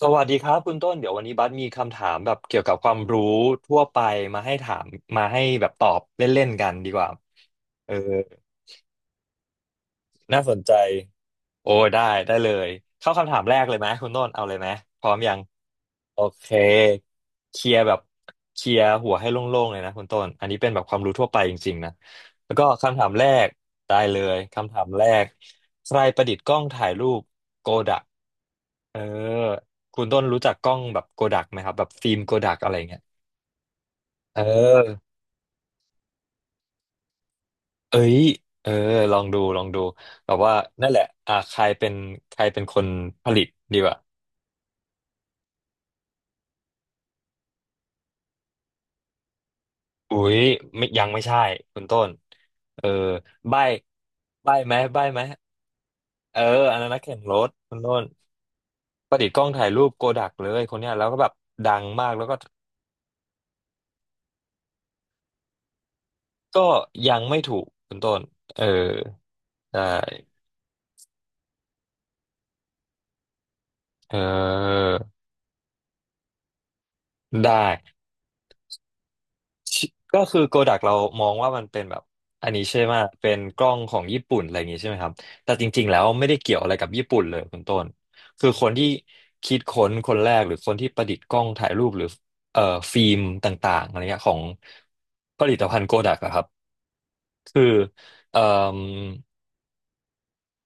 สวัสดีครับคุณต้นเดี๋ยววันนี้บัสมีคำถามแบบเกี่ยวกับความรู้ทั่วไปมาให้ถามมาให้แบบตอบเล่นๆกันดีกว่าเออน่าสนใจโอ้ได้ได้เลยเข้าคำถามแรกเลยไหมคุณต้นเอาเลยไหมพร้อมยัง โอเคเคลียร์แบบเคลียร์หัวให้โล่งๆเลยนะคุณต้นอันนี้เป็นแบบความรู้ทั่วไปจริงๆนะแล้วก็คำถามแรกได้เลยคำถามแรกใครประดิษฐ์กล้องถ่ายรูปโกดักเออคุณต้นรู้จักกล้องแบบโกดักไหมครับแบบฟิล์มโกดักอะไรเงี้ยเออเอ้ยเออลองดูลองดูแบบว่านั่นแหละใครเป็นใครเป็นคนผลิตดีกว่า อุ๊ยไม่ยังไม่ใช่คุณต้นเออใบใบไหมใบไหมเอออันนั้นนักแข่งรถคุณต้นประดิษฐ์กล้องถ่ายรูปโกดักเลยคนเนี้ยแล้วก็แบบดังมากแล้วก็ก็ยังไม่ถูกคุณต้นเออได้เออได้ ชิก็คือโกดักเรามองว่ามันเป็นแบบอันนี้ใช่ไหมเป็นกล้องของญี่ปุ่นอะไรอย่างงี้ใช่ไหมครับแต่จริงๆแล้วไม่ได้เกี่ยวอะไรกับญี่ปุ่นเลยคุณต้นคือคนที่คิดค้นคนแรกหรือคนที่ประดิษฐ์กล้องถ่ายรูปหรือเอ่อฟิล์มต่างๆอะไรเงี้ยของผลิตภัณฑ์โกดักอะครับคือเอ่ม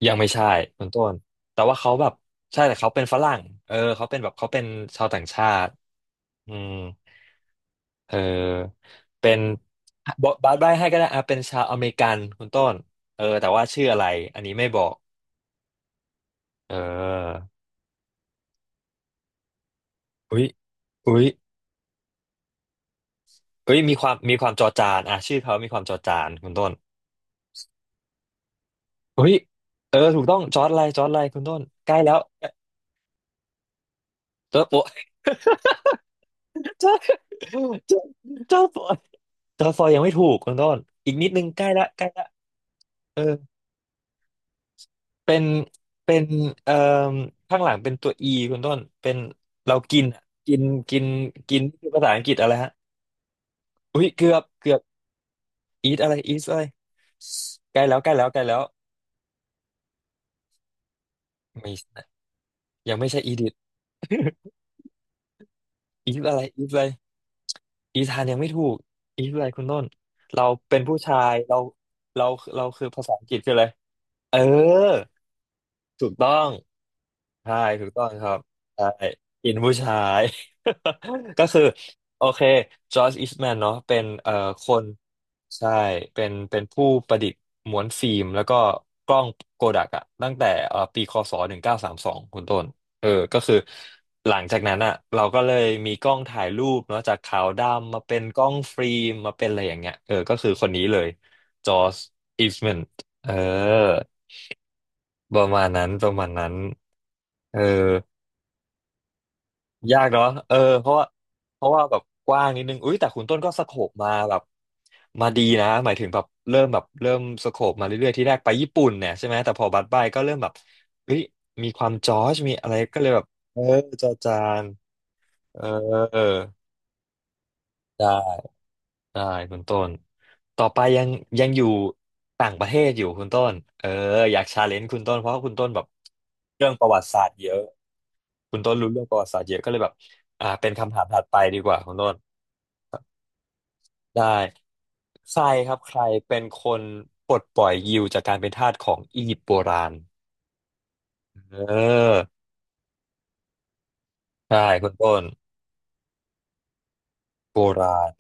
ยังไม่ใช่คุณต้นแต่ว่าเขาแบบใช่แต่เขาเป็นฝรั่งเออเขาเป็นแบบเขาเป็นชาวต่างชาติอืม เออเป็นบอบาสใบ้ให้ก็ได้อ่ะเป็นชาวอเมริกันคุณต้นเออแต่ว่าชื่ออะไรอันนี้ไม่บอกเอออุ้ยอุ้ยอุ้ยมีความมีความจอจานอ่ะชื่อเขามีความจอจานคุณต้นอุ้ยเออถูกต้องจอร์จอะไรจอร์ดอะไรคุณต้นใกล้แล้วจอร์จโปะจอร์จจอร์จจอร์จโปจอร์ดฟอยยังไม่ถูกคุณต้นอีกนิดนึงใกล้ละใกล้ละเออ เป็นเป็นเอ่อข้างหลังเป็นตัวอีคุณต้นเป็นเรากินอะกินกินกินคือภาษาอังกฤษอะไรฮะอุ้ยเกือบเกือบ eat อะไร eat อะไรใกล้แล้วใกล้แล้วใกล้แล้วไม่ใช่ยังไม่ใช่ edit eat อะไร eat อะไรอีธานยังไม่ถูกอีทอะไรคุณต้นเราเป็นผู้ชายเราเราเราคือภาษาอังกฤษคืออะไรเออถูกต้อง ใช่ถูกต้องครับใช่อินผู้ชาย ก็คือโอเคจอร์จอิชแมนเนาะเป็นคนใช่เป็นเป็นผู้ประดิษฐ์ม้วนฟิล์มแล้วก็กล้องโกดักอะตั้งแต่ปีค.ศ. 1932คุณต้นเออก็คือหลังจากนั้นอะเราก็เลยมีกล้องถ่ายรูปเนาะจากขาวดำมาเป็นกล้องฟิล์มมาเป็นอะไรอย่างเงี้ยเออก็คือคนนี้เลยจอร์จอิชแมนเออประมาณนั้นประมาณนั้นเออ ยากเนาะเออเพราะว่าเพราะว่าแบบกว้างนิดนึงอุ้ยแต่คุณต้นก็สโคปมาแบบมาดีนะ หมายถึงแบบเริ่มแบบเริ่มสโคปมาเรื่อยๆที่แรกไปญี่ปุ่นเนี่ยใช่ไหมแต่พอบัดบายก็เริ่มแบบเฮ้ยมีความจอร์จมีอะไรก็เลยแบบเออจอจานเออ ได้คุณต้นต่อไปยังยังอยู่ต่างประเทศอยู่คุณต้นเอออยากชาเลนจ์คุณต้นเพราะว่าคุณต้นแบบเรื่องประวัติศาสตร์เยอะคุณต้นรู้เรื่องประวัติศาสตร์เยอะก็เลยแบบเป็นคำถามถัดไปดีกว่าคุณต้นได้ใครครับใครเป็นคนปลดปล่อยยิวจากการเป็นทาสของอียิปต์โบราณเออใช่คุณต้น โบราณ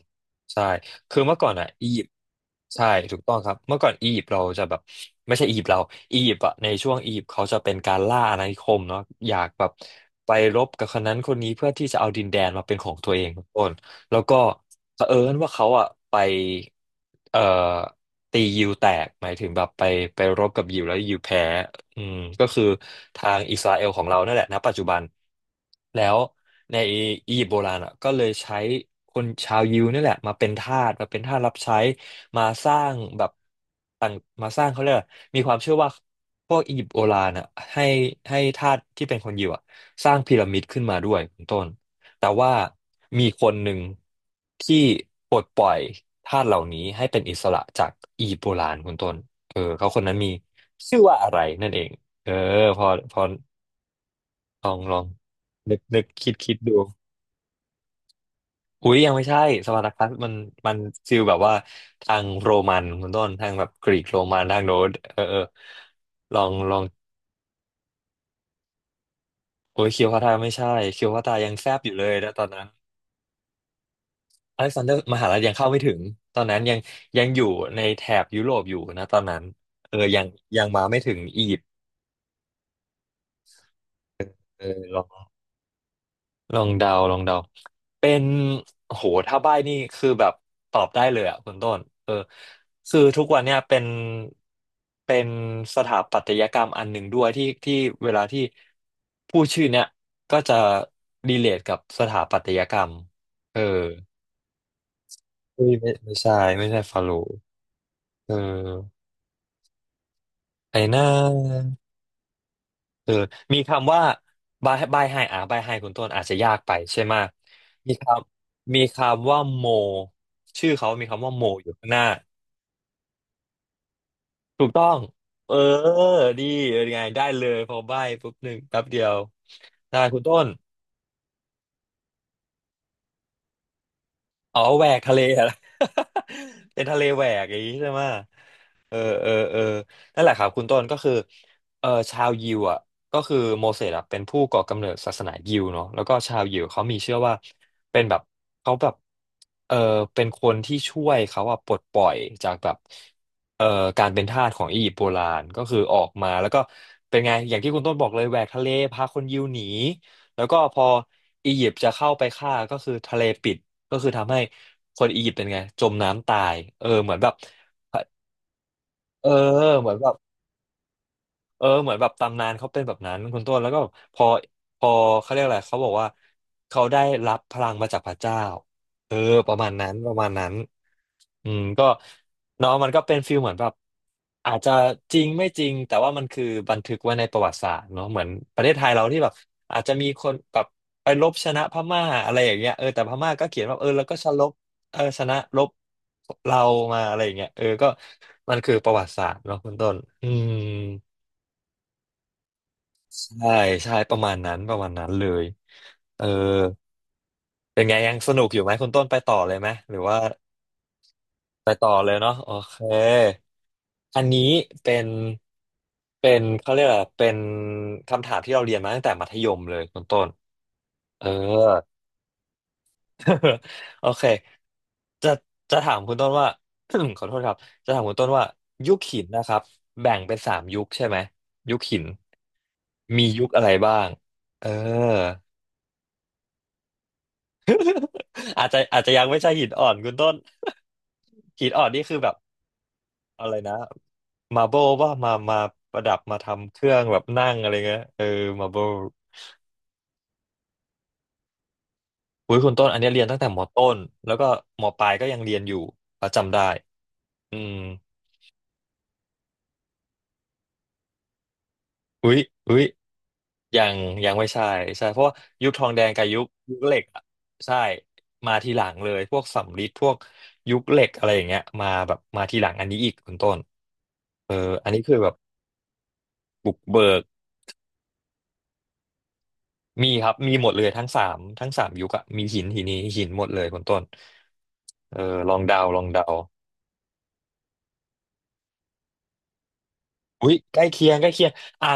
ใช่คือเมื่อก่อนอ่ะอียิปต์ใช่ถูกต้องครับเมื่อก่อนอียิปต์เราจะแบบไม่ใช่อียิปต์เราอียิปต์อะในช่วงอียิปต์เขาจะเป็นการล่าอาณานิคมเนาะอยากแบบไปรบกับคนนั้นคนนี้เพื่อที่จะเอาดินแดนมาเป็นของตัวเองทุกคน แล้วก็เผอิญว่าเขาอ่ะไปเอ่อตียิวแตกหมายถึงแบบไปไปรบกับยิวแล้วยิวแพ้อืมก็คือทางอิสราเอลของเรานั่นแหละณปัจจุบันแล้วในอียิปต์โบราณอ่ะก็เลยใช้คนชาวยิวนี่แหละมาเป็นทาสมาเป็นทาสรับใช้มาสร้างแบบต่างมาสร้างเขาเรียกอะไรมีความเชื่อว่าพวกอียิปต์โบราณอ่ะให้ให้ทาสที่เป็นคนยิวอ่ะสร้างพีระมิดขึ้นมาด้วยคุณต้น แต่ว่ามีคนหนึ่งที่ปลดปล่อยทาสเหล่านี้ให้เป็นอิสระจากอียิปต์โบราณคุณต้นเออเขาคนนั้นมีชื่อว่าอะไรนั่นเองเออพอลองนึกคิดดูอุ้ยยังไม่ใช่สปาร์ตาคัสมันฟิลแบบว่าทางโรมันคุณต้นทางแบบกรีกโรมันทางโน้นเออเออลองโอ้ยคิวพาตาไม่ใช่คิวพาตายังแซบอยู่เลยนะตอนนั้น อเล็กซานเดอร์มหาลัยยังเข้าไม่ถึงตอนนั้นยังอยู่ในแถบยุโรปอยู่นะตอนนั้นเออยังมาไม่ถึงอียิปต์เออลองลองเดาเป็นโหถ้าใบ้นี่คือแบบตอบได้เลยอ่ะคุณต้นเออคือทุกวันเนี่ยเป็นสถาปัตยกรรมอันหนึ่งด้วยที่เวลาที่ผู้ชื่อเนี่ยก็จะรีเลทกับสถาปัตยกรรมเออไม่ใช่ไม่ใช่ฟาโรห์เออไอ้หนา คือมีคำว่าบายบายไฮอ่ะบายไฮคุณต้นอาจจะยากไปใช่ไหมยมีคมีคำว่าโมชื่อเขามีคำว่าโมอยู่ข้างหน้าถูกต้องเออดีเป็นไงได้เลยพอใบ้ปุ๊บหนึ่งแป๊บเดียวได้คุณต้น อ๋อแหวกทะเลอะไร เป็นทะเลแหวกอย่างนี้ใช่ไหมเออเออเออนั่นแหละครับคุณต้นก็คือเออชาวยิวอ่ะก็คือโมเสสอ่ะเป็นผู้ก่อกำเนิดศาสนายิวเนาะแล้วก็ชาวยิวเขามีเชื่อว่าเป็นแบบเขาแบบเออเป็นคนที่ช่วยเขาอ่ะปลดปล่อยจากแบบเอ่อการเป็นทาสของอียิปต์โบราณก็คือออกมาแล้วก็เป็นไงอย่างที่คุณต้นบอกเลยแหวกทะเลพาคนยิวหนีแล้วก็พออียิปต์จะเข้าไปฆ่าก็คือทะเลปิด ก็คือทำให้คนอียิปต์เป็นไงจมน้ำตายเออเหมือนแบบเออเหมือนแบบ เออเหมือนแบบตำนานเขาเป็นแบบนั้นคุณต้นแล้วก็พอพอเขาเรียกอะไรเขาบอกว่าเขาได้รับพลังมาจากพระเจ้าเออประมาณนั้นประมาณนั้นอืมก็เนาะมันก็เป็นฟีลเหมือนแบบอาจจะจริงไม่จริงแต่ว่ามันคือบันทึกไว้ในประวัติศาสตร์เนาะเหมือนประเทศไทยเราที่แบบอาจจะมีคนแบบไปรบชนะพม่าอะไรอย่างเงี้ยเออแต่พม่าก็เขียนว่าเออแล้วก็ชลบเออชนะรบเรามาอะไรอย่างเงี้ยเออก็มันคือประวัติศาสตร์เนาะคุณต้นอืม ใช่ใช่ประมาณนั้นประมาณนั้นเลย เออเป็นไงยังสนุกอยู่ไหมคุณต้นไปต่อเลยไหมหรือว่าไปต่อเลยเนาะโอเค อันนี้เป็นเป็นเขาเรียกอะไรเป็นคำถามที่เราเรียนมาตั้งแต่มัธยมเลยคุณต้นเออ โอเคจะจะถามคุณต้นว่า ขอโทษครับจะถามคุณต้นว่ายุคหินนะครับแบ่งเป็นสามยุคใช่ไหมยุคหินมียุคอะไรบ้างเออ อาจจะยังไม่ใช่หินอ่อนคุณต้น หินอ่อนนี่คือแบบอะไรนะมาโบว่ามาประดับมาทำเครื่องแบบนั่งอะไรเงี้ยเออมาโบอุ้ยคุณต้นอันเนี้ยเรียนตั้งแต่มต้นแล้วก็มปลายก็ยังเรียนอยู่เราจำได้อืมอุ้ยอุ้ยยังยังไม่ใช่ใช่เพราะว่ายุคทองแดงกับยุคเหล็กอะใช่มาทีหลังเลยพวกสำริดพวกยุคเหล็กอะไรอย่างเงี้ยมาแบบมาทีหลังอันนี้อีกคุณต้นเอออันนี้คือแบบบุกเบิก มีครับ มีหมดเลยทั้งสามยุคอะมีหินหินนี้หินหมดเลยคุณต้นเออลองเดาอุ้ยใกล้เคียงอ่ะ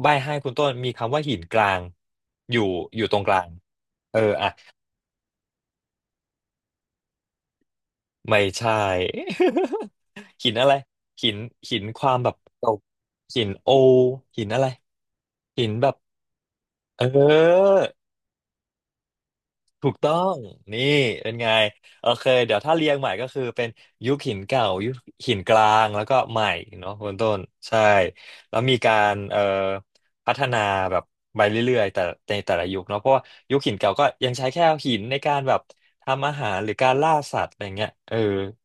ใบให้คุณต้นมีคำว่าหินกลางอยู่อยู่ตรงกลางเอออ่ะไม่ใช่ หินอะไรหินหินความแบบเก่าหินโอหินอะไรหินแบบเออ ถูกต้องนี่เป็นไงโอเคเดี๋ยวถ้าเรียงใหม่ก็คือเป็นยุคหินเก่ายุคหินกลางแล้วก็ใหม่เนาะคุณต้นใช่แล้วมีการพัฒนาแบบไปเรื่อยๆแต่ในแต่ละยุคเนาะเพราะว่ายุคหินเก่าก็ยังใช้แค่หินในการแบบทำอาหารหรือการล่าสัตว์อะไรเงี้ยเออ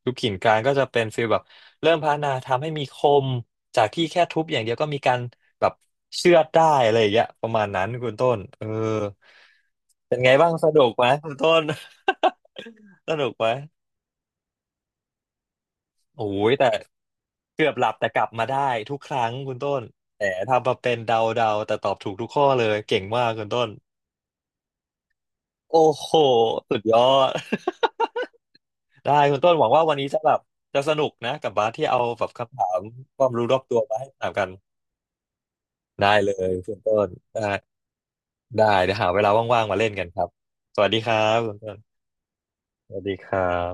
ยุคหินกลางก็จะเป็นฟีลแบบ เริ่มพัฒนาทำให้มีคมจากที่แค่ทุบอย่างเดียวก็มีการแบบเชือดได้อะไรอย่างเงี้ยประมาณนั้นคุณต้นเออเป็นไงบ้างสนุกไหมคุณต้น สนุกไหมโอ้ยแต่เกือบหลับแต่กลับมาได้ทุกครั้งคุณต้นแต่ทำมาเป็นเดาแต่ตอบถูกทุกข้อเลยเก่งมากคุณต้นโอ้โหสุดยอด ได้คุณต้นหวังว่าวันนี้จะแบบจะสนุกนะกับบาสที่เอาแบบคำถามความรู้รอบตัวมาให้ถามกันได้เลยคุณต้นได้ ได้เดี๋ยวหาเวลาว่างๆมาเล่นกันครับ สวัสดีครับคุณต้นสวัสดีครับ